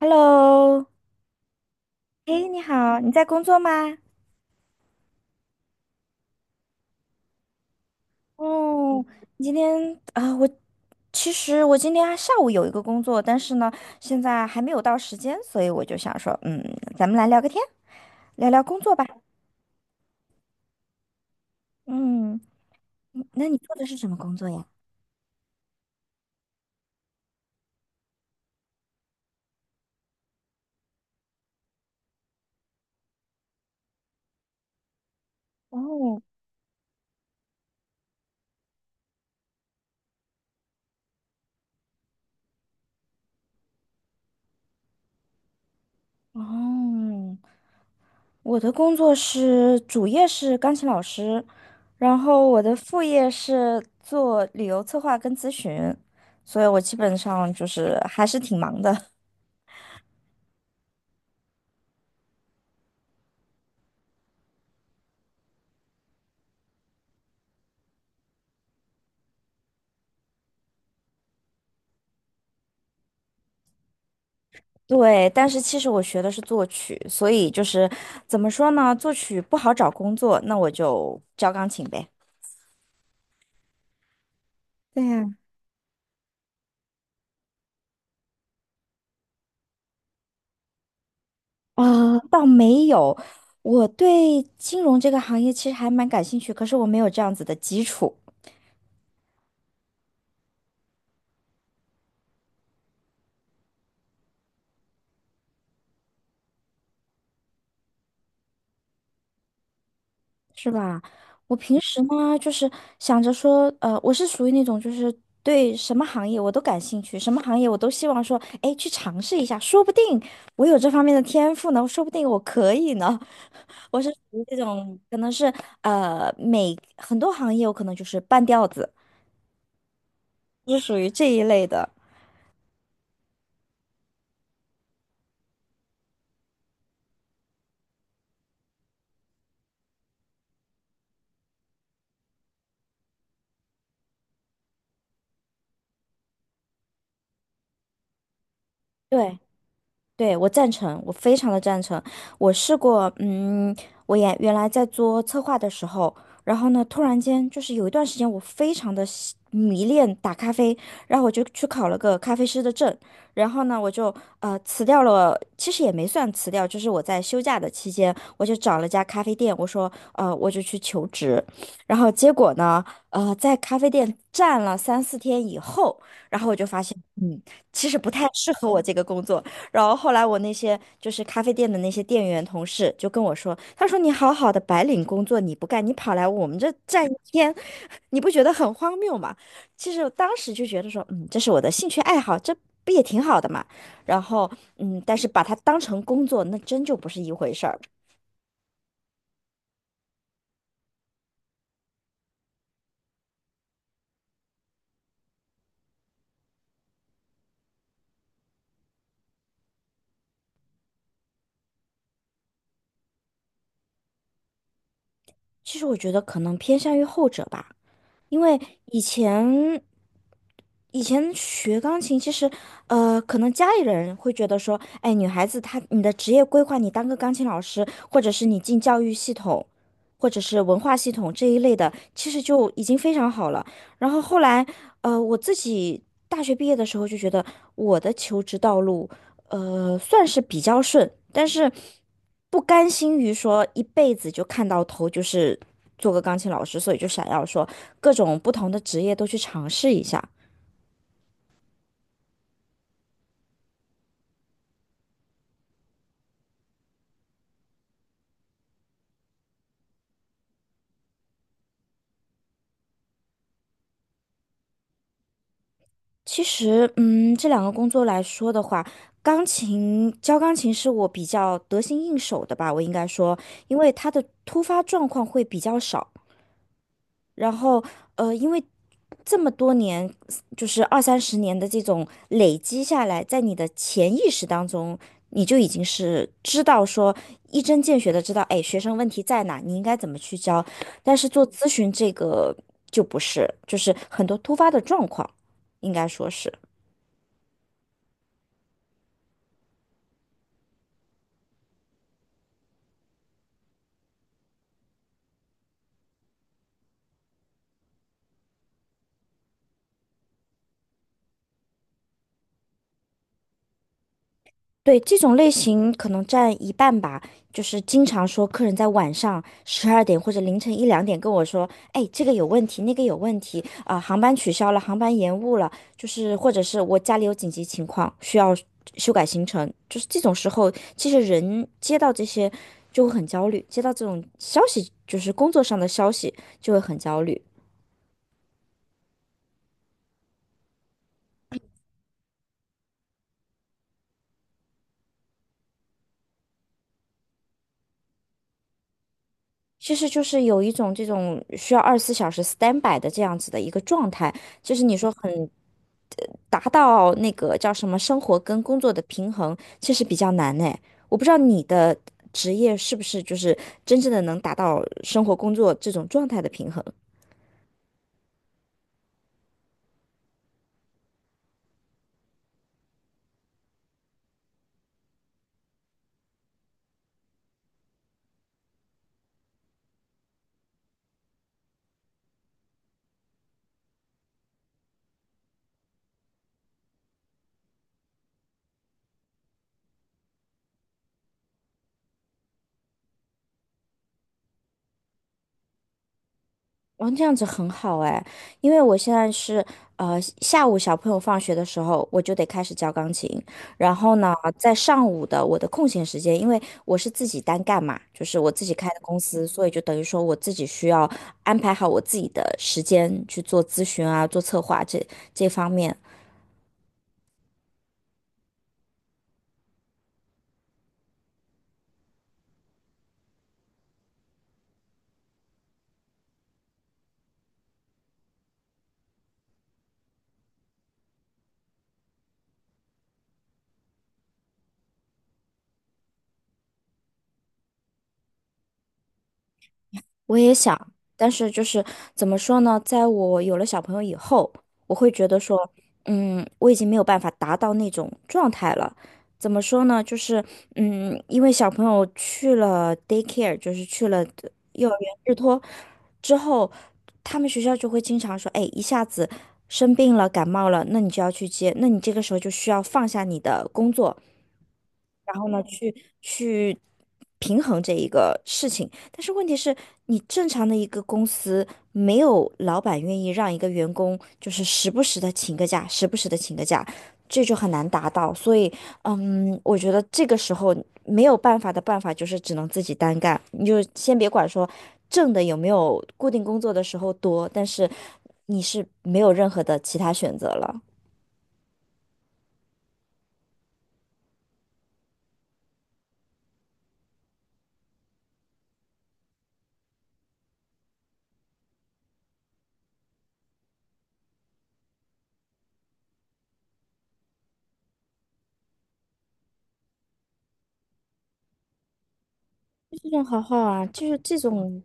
Hello，哎，你好，你在工作吗？哦，你今天啊，其实我今天下午有一个工作，但是呢，现在还没有到时间，所以我就想说，咱们来聊个天，聊聊工作吧。嗯，那你做的是什么工作呀？哦，哦，我的工作是主业是钢琴老师，然后我的副业是做旅游策划跟咨询，所以我基本上就是还是挺忙的。对，但是其实我学的是作曲，所以就是怎么说呢，作曲不好找工作，那我就教钢琴呗。对呀，啊，倒没有，我对金融这个行业其实还蛮感兴趣，可是我没有这样子的基础，是吧？我平时呢，就是想着说，我是属于那种就是对什么行业我都感兴趣，什么行业我都希望说，哎，去尝试一下，说不定我有这方面的天赋呢，说不定我可以呢。我是属于这种，可能是很多行业我可能就是半吊子，是属于这一类的。对，对，我赞成，我非常的赞成。我试过，我也原来在做策划的时候，然后呢，突然间就是有一段时间，我非常的迷恋打咖啡，然后我就去考了个咖啡师的证，然后呢，我就辞掉了，其实也没算辞掉，就是我在休假的期间，我就找了家咖啡店，我说，我就去求职，然后结果呢，在咖啡店站了三四天以后，然后我就发现，其实不太适合我这个工作。然后后来我那些就是咖啡店的那些店员同事就跟我说，他说你好好的白领工作你不干，你跑来我们这站一天，你不觉得很荒谬吗？其实我当时就觉得说，这是我的兴趣爱好，这不也挺好的嘛。然后，但是把它当成工作，那真就不是一回事儿。其实我觉得可能偏向于后者吧。因为以前以前学钢琴，其实可能家里人会觉得说，哎，女孩子你的职业规划，你当个钢琴老师，或者是你进教育系统，或者是文化系统这一类的，其实就已经非常好了。然后后来，我自己大学毕业的时候就觉得我的求职道路，算是比较顺，但是不甘心于说一辈子就看到头就是做个钢琴老师，所以就想要说各种不同的职业都去尝试一下。其实，这两个工作来说的话，教钢琴是我比较得心应手的吧，我应该说，因为它的突发状况会比较少。然后因为这么多年，就是二三十年的这种累积下来，在你的潜意识当中，你就已经是知道说一针见血的知道，哎，学生问题在哪，你应该怎么去教。但是做咨询这个就不是，就是很多突发的状况，应该说是。对，这种类型可能占一半吧，就是经常说客人在晚上12点或者凌晨一两点跟我说，哎，这个有问题，那个有问题，啊、航班取消了，航班延误了，就是或者是我家里有紧急情况需要修改行程，就是这种时候，其实人接到这些就会很焦虑，接到这种消息，就是工作上的消息就会很焦虑。其实就是有一种这种需要24小时 standby 的这样子的一个状态，就是你说很达到那个叫什么生活跟工作的平衡，其实比较难呢。我不知道你的职业是不是就是真正的能达到生活工作这种状态的平衡。哦，这样子很好哎，因为我现在下午小朋友放学的时候，我就得开始教钢琴，然后呢，在上午的我的空闲时间，因为我是自己单干嘛，就是我自己开的公司，所以就等于说我自己需要安排好我自己的时间去做咨询啊，做策划这方面，我也想，但是就是怎么说呢，在我有了小朋友以后，我会觉得说，我已经没有办法达到那种状态了。怎么说呢，就是因为小朋友去了 daycare，就是去了幼儿园日托之后，他们学校就会经常说，哎，一下子生病了，感冒了，那你就要去接，那你这个时候就需要放下你的工作。然后呢，去平衡这一个事情。但是问题是，你正常的一个公司，没有老板愿意让一个员工就是时不时的请个假，时不时的请个假，这就很难达到。所以，我觉得这个时候没有办法的办法就是只能自己单干。你就先别管说挣的有没有固定工作的时候多，但是你是没有任何的其他选择了。这种好好啊，就是这种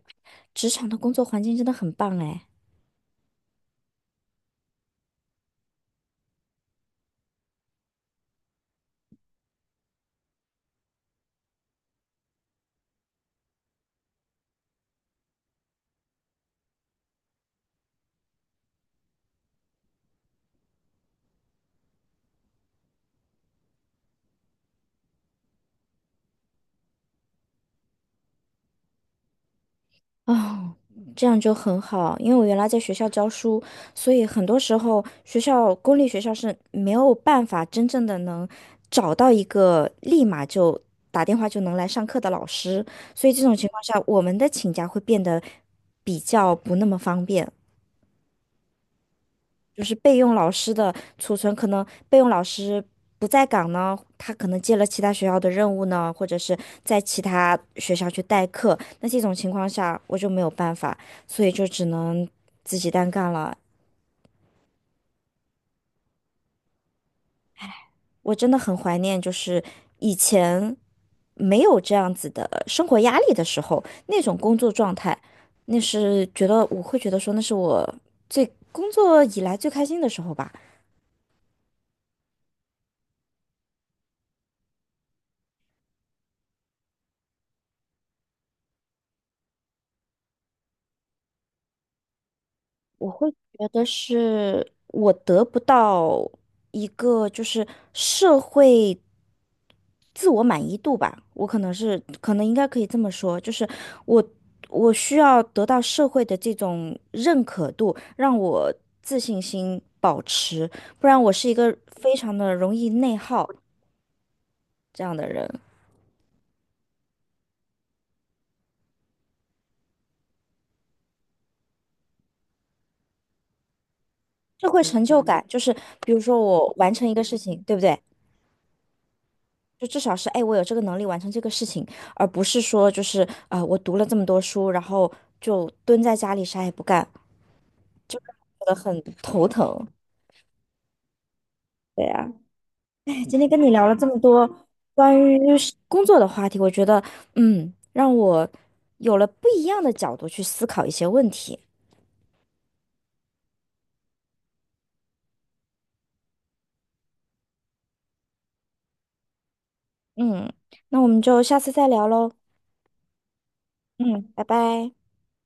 职场的工作环境真的很棒哎。哦，这样就很好，因为我原来在学校教书，所以很多时候公立学校是没有办法真正的能找到一个立马就打电话就能来上课的老师，所以这种情况下，我们的请假会变得比较不那么方便。就是备用老师的储存，可能备用老师不在岗呢，他可能接了其他学校的任务呢，或者是在其他学校去代课。那这种情况下，我就没有办法，所以就只能自己单干了。我真的很怀念，就是以前没有这样子的生活压力的时候，那种工作状态，那是觉得我会觉得说，那是我工作以来最开心的时候吧。我会觉得是我得不到一个就是社会自我满意度吧，我可能应该可以这么说，就是我我需要得到社会的这种认可度，让我自信心保持，不然我是一个非常的容易内耗这样的人，社会成就感就是比如说我完成一个事情，对不对？就至少是，哎，我有这个能力完成这个事情，而不是说就是啊、我读了这么多书，然后就蹲在家里啥也不干，觉得很头疼。对呀、哎，今天跟你聊了这么多关于是工作的话题，我觉得，让我有了不一样的角度去思考一些问题。嗯，那我们就下次再聊喽。嗯，拜拜。